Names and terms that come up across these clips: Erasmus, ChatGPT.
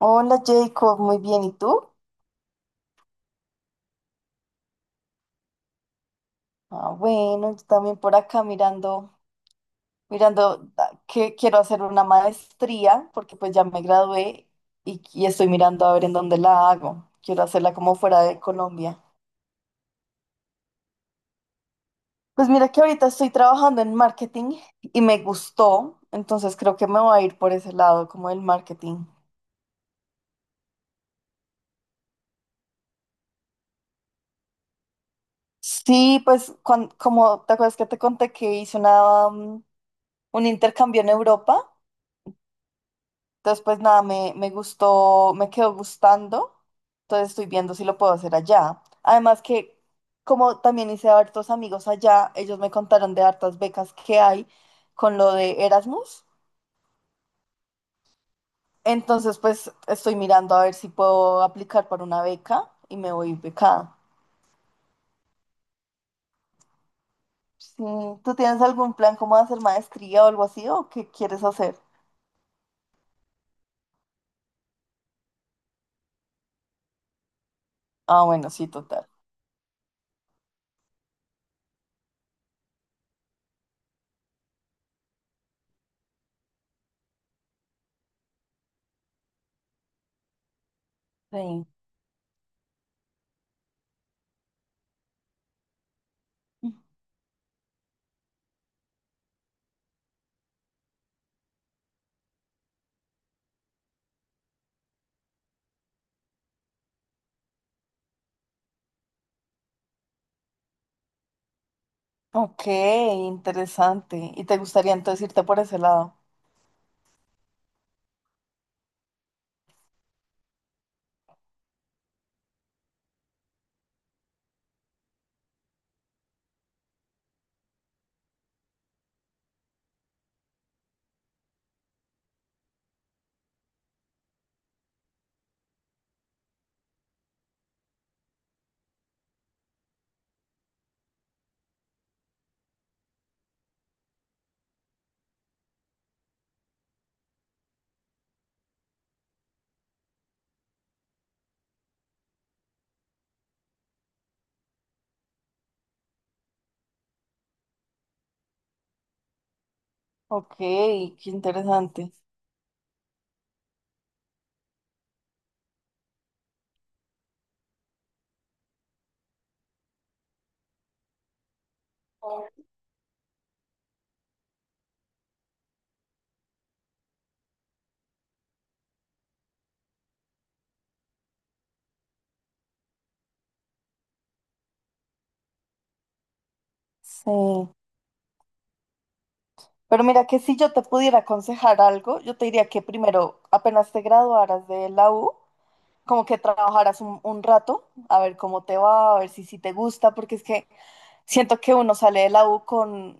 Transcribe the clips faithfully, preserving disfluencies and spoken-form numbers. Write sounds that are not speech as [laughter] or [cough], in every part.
Hola Jacob, muy bien, ¿y tú? Ah, bueno, yo también por acá mirando, mirando ah, que quiero hacer una maestría porque pues ya me gradué y, y estoy mirando a ver en dónde la hago. Quiero hacerla como fuera de Colombia. Pues mira que ahorita estoy trabajando en marketing y me gustó, entonces creo que me voy a ir por ese lado, como el marketing. Sí, pues cuan- como te acuerdas que te conté que hice una, mm, un intercambio en Europa. Entonces, pues nada, me, me gustó, me quedó gustando. Entonces estoy viendo si lo puedo hacer allá. Además que como también hice hartos amigos allá, ellos me contaron de hartas becas que hay con lo de Erasmus. Entonces, pues estoy mirando a ver si puedo aplicar para una beca y me voy becada. Sí, ¿tú tienes algún plan como de hacer maestría o algo así o qué quieres hacer? Ah, bueno, sí, total. Sí. Ok, interesante. ¿Y te gustaría entonces irte por ese lado? Ok, qué interesante. Sí. Pero mira que si yo te pudiera aconsejar algo, yo te diría que primero, apenas te graduaras de la U, como que trabajaras un, un rato, a ver cómo te va, a ver si, si te gusta, porque es que siento que uno sale de la U con,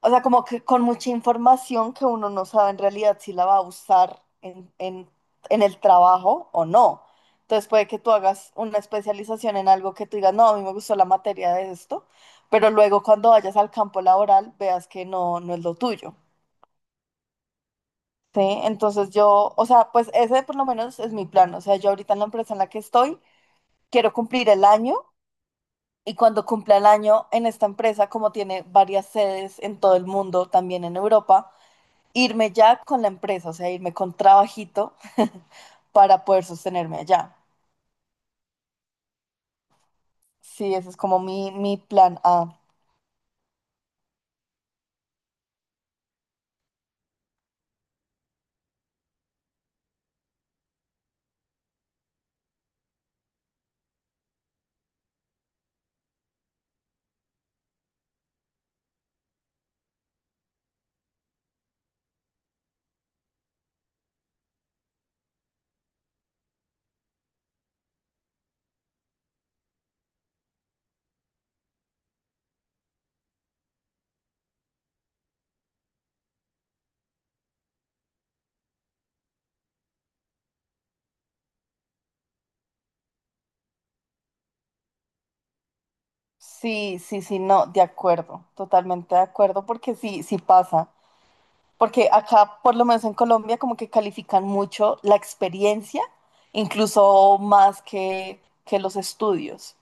o sea, como que con mucha información que uno no sabe en realidad si la va a usar en, en- en el trabajo o no. Entonces puede que tú hagas una especialización en algo que tú digas, no, a mí me gustó la materia de esto, pero luego cuando vayas al campo laboral veas que no, no es lo tuyo. ¿Sí? Entonces yo, o sea, pues ese por lo menos es mi plan. O sea, yo ahorita en la empresa en la que estoy, quiero cumplir el año y cuando cumpla el año en esta empresa, como tiene varias sedes en todo el mundo, también en Europa, irme ya con la empresa, o sea, irme con trabajito para poder sostenerme allá. Sí, ese es como mi, mi plan A. Sí, sí, sí, no, de acuerdo, totalmente de acuerdo, porque sí, sí pasa. Porque acá, por lo menos en Colombia, como que califican mucho la experiencia, incluso más que, que los estudios.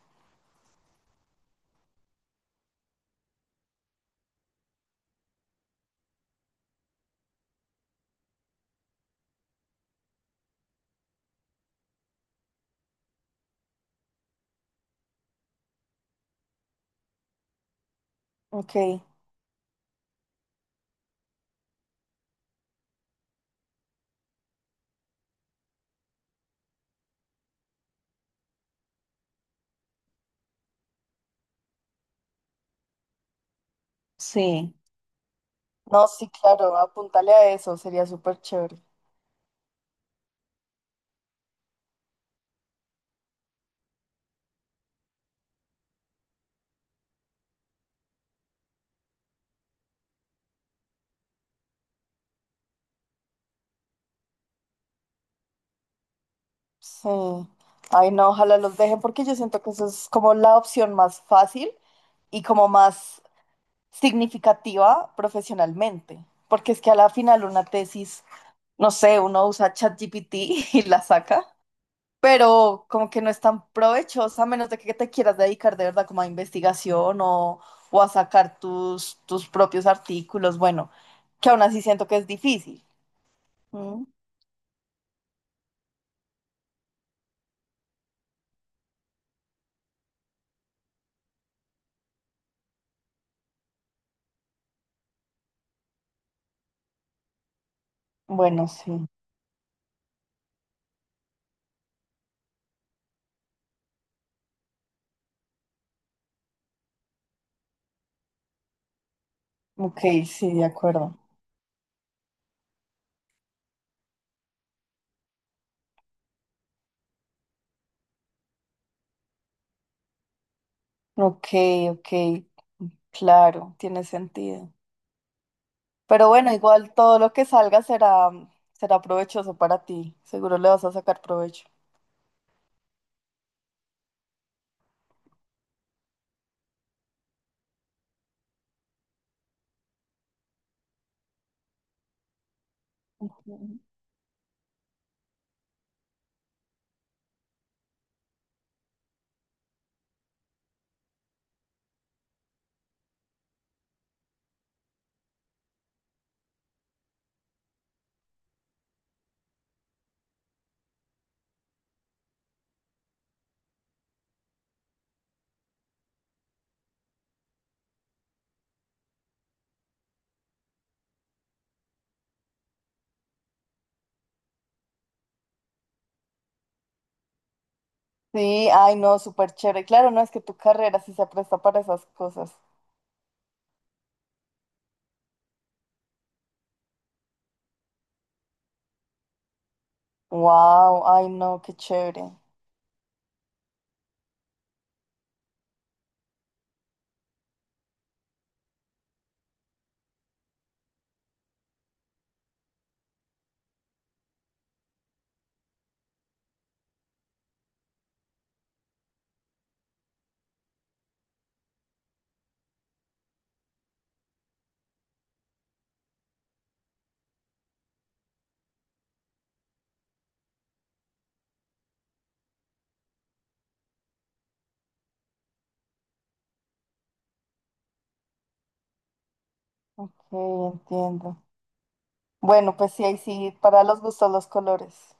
Ok, sí. No, sí, claro, apúntale a eso, sería súper chévere. Sí. Ay, no, ojalá los dejen porque yo siento que eso es como la opción más fácil y como más significativa profesionalmente. Porque es que a la final una tesis, no sé, uno usa ChatGPT [laughs] y la saca, pero como que no es tan provechosa a menos de que te quieras dedicar de verdad como a investigación o, o a sacar tus, tus propios artículos. Bueno, que aún así siento que es difícil. ¿Mm? Bueno, sí. Ok, sí, de acuerdo. Ok, ok. Claro, tiene sentido. Pero bueno, igual todo lo que salga será, será provechoso para ti. Seguro le vas a sacar provecho. Ujú. Sí, ay, no, súper chévere. Claro, no es que tu carrera sí se presta para esas cosas. Wow, ay, no, qué chévere. Sí, entiendo. Bueno, pues sí, ahí sí, para los gustos, los colores.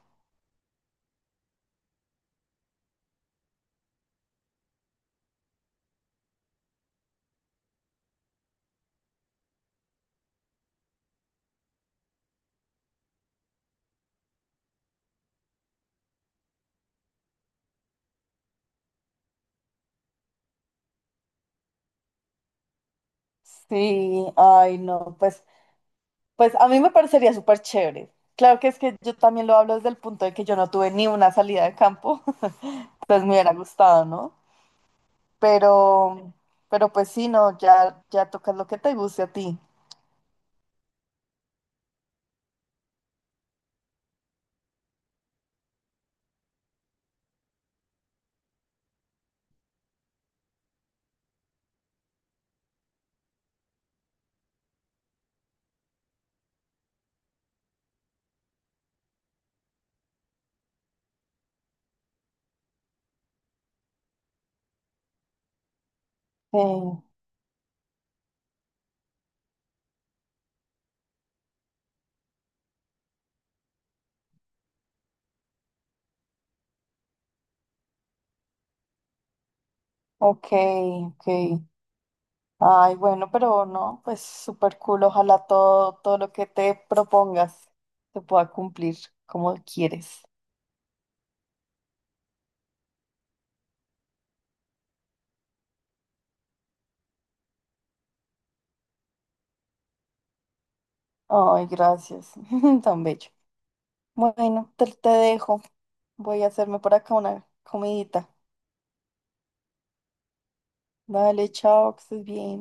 Sí, ay, no, pues, pues a mí me parecería súper chévere. Claro que es que yo también lo hablo desde el punto de que yo no tuve ni una salida de campo, [laughs] pues me hubiera gustado, ¿no? Pero, pero pues sí, no, ya, ya tocas lo que te guste a ti. Sí, ok, ok. Ay, bueno, pero no, pues súper cool. Ojalá todo, todo lo que te propongas se pueda cumplir como quieres. Ay, gracias. [laughs] Tan bello. Bueno, te, te dejo. Voy a hacerme por acá una comidita. Dale, chao, que estés bien.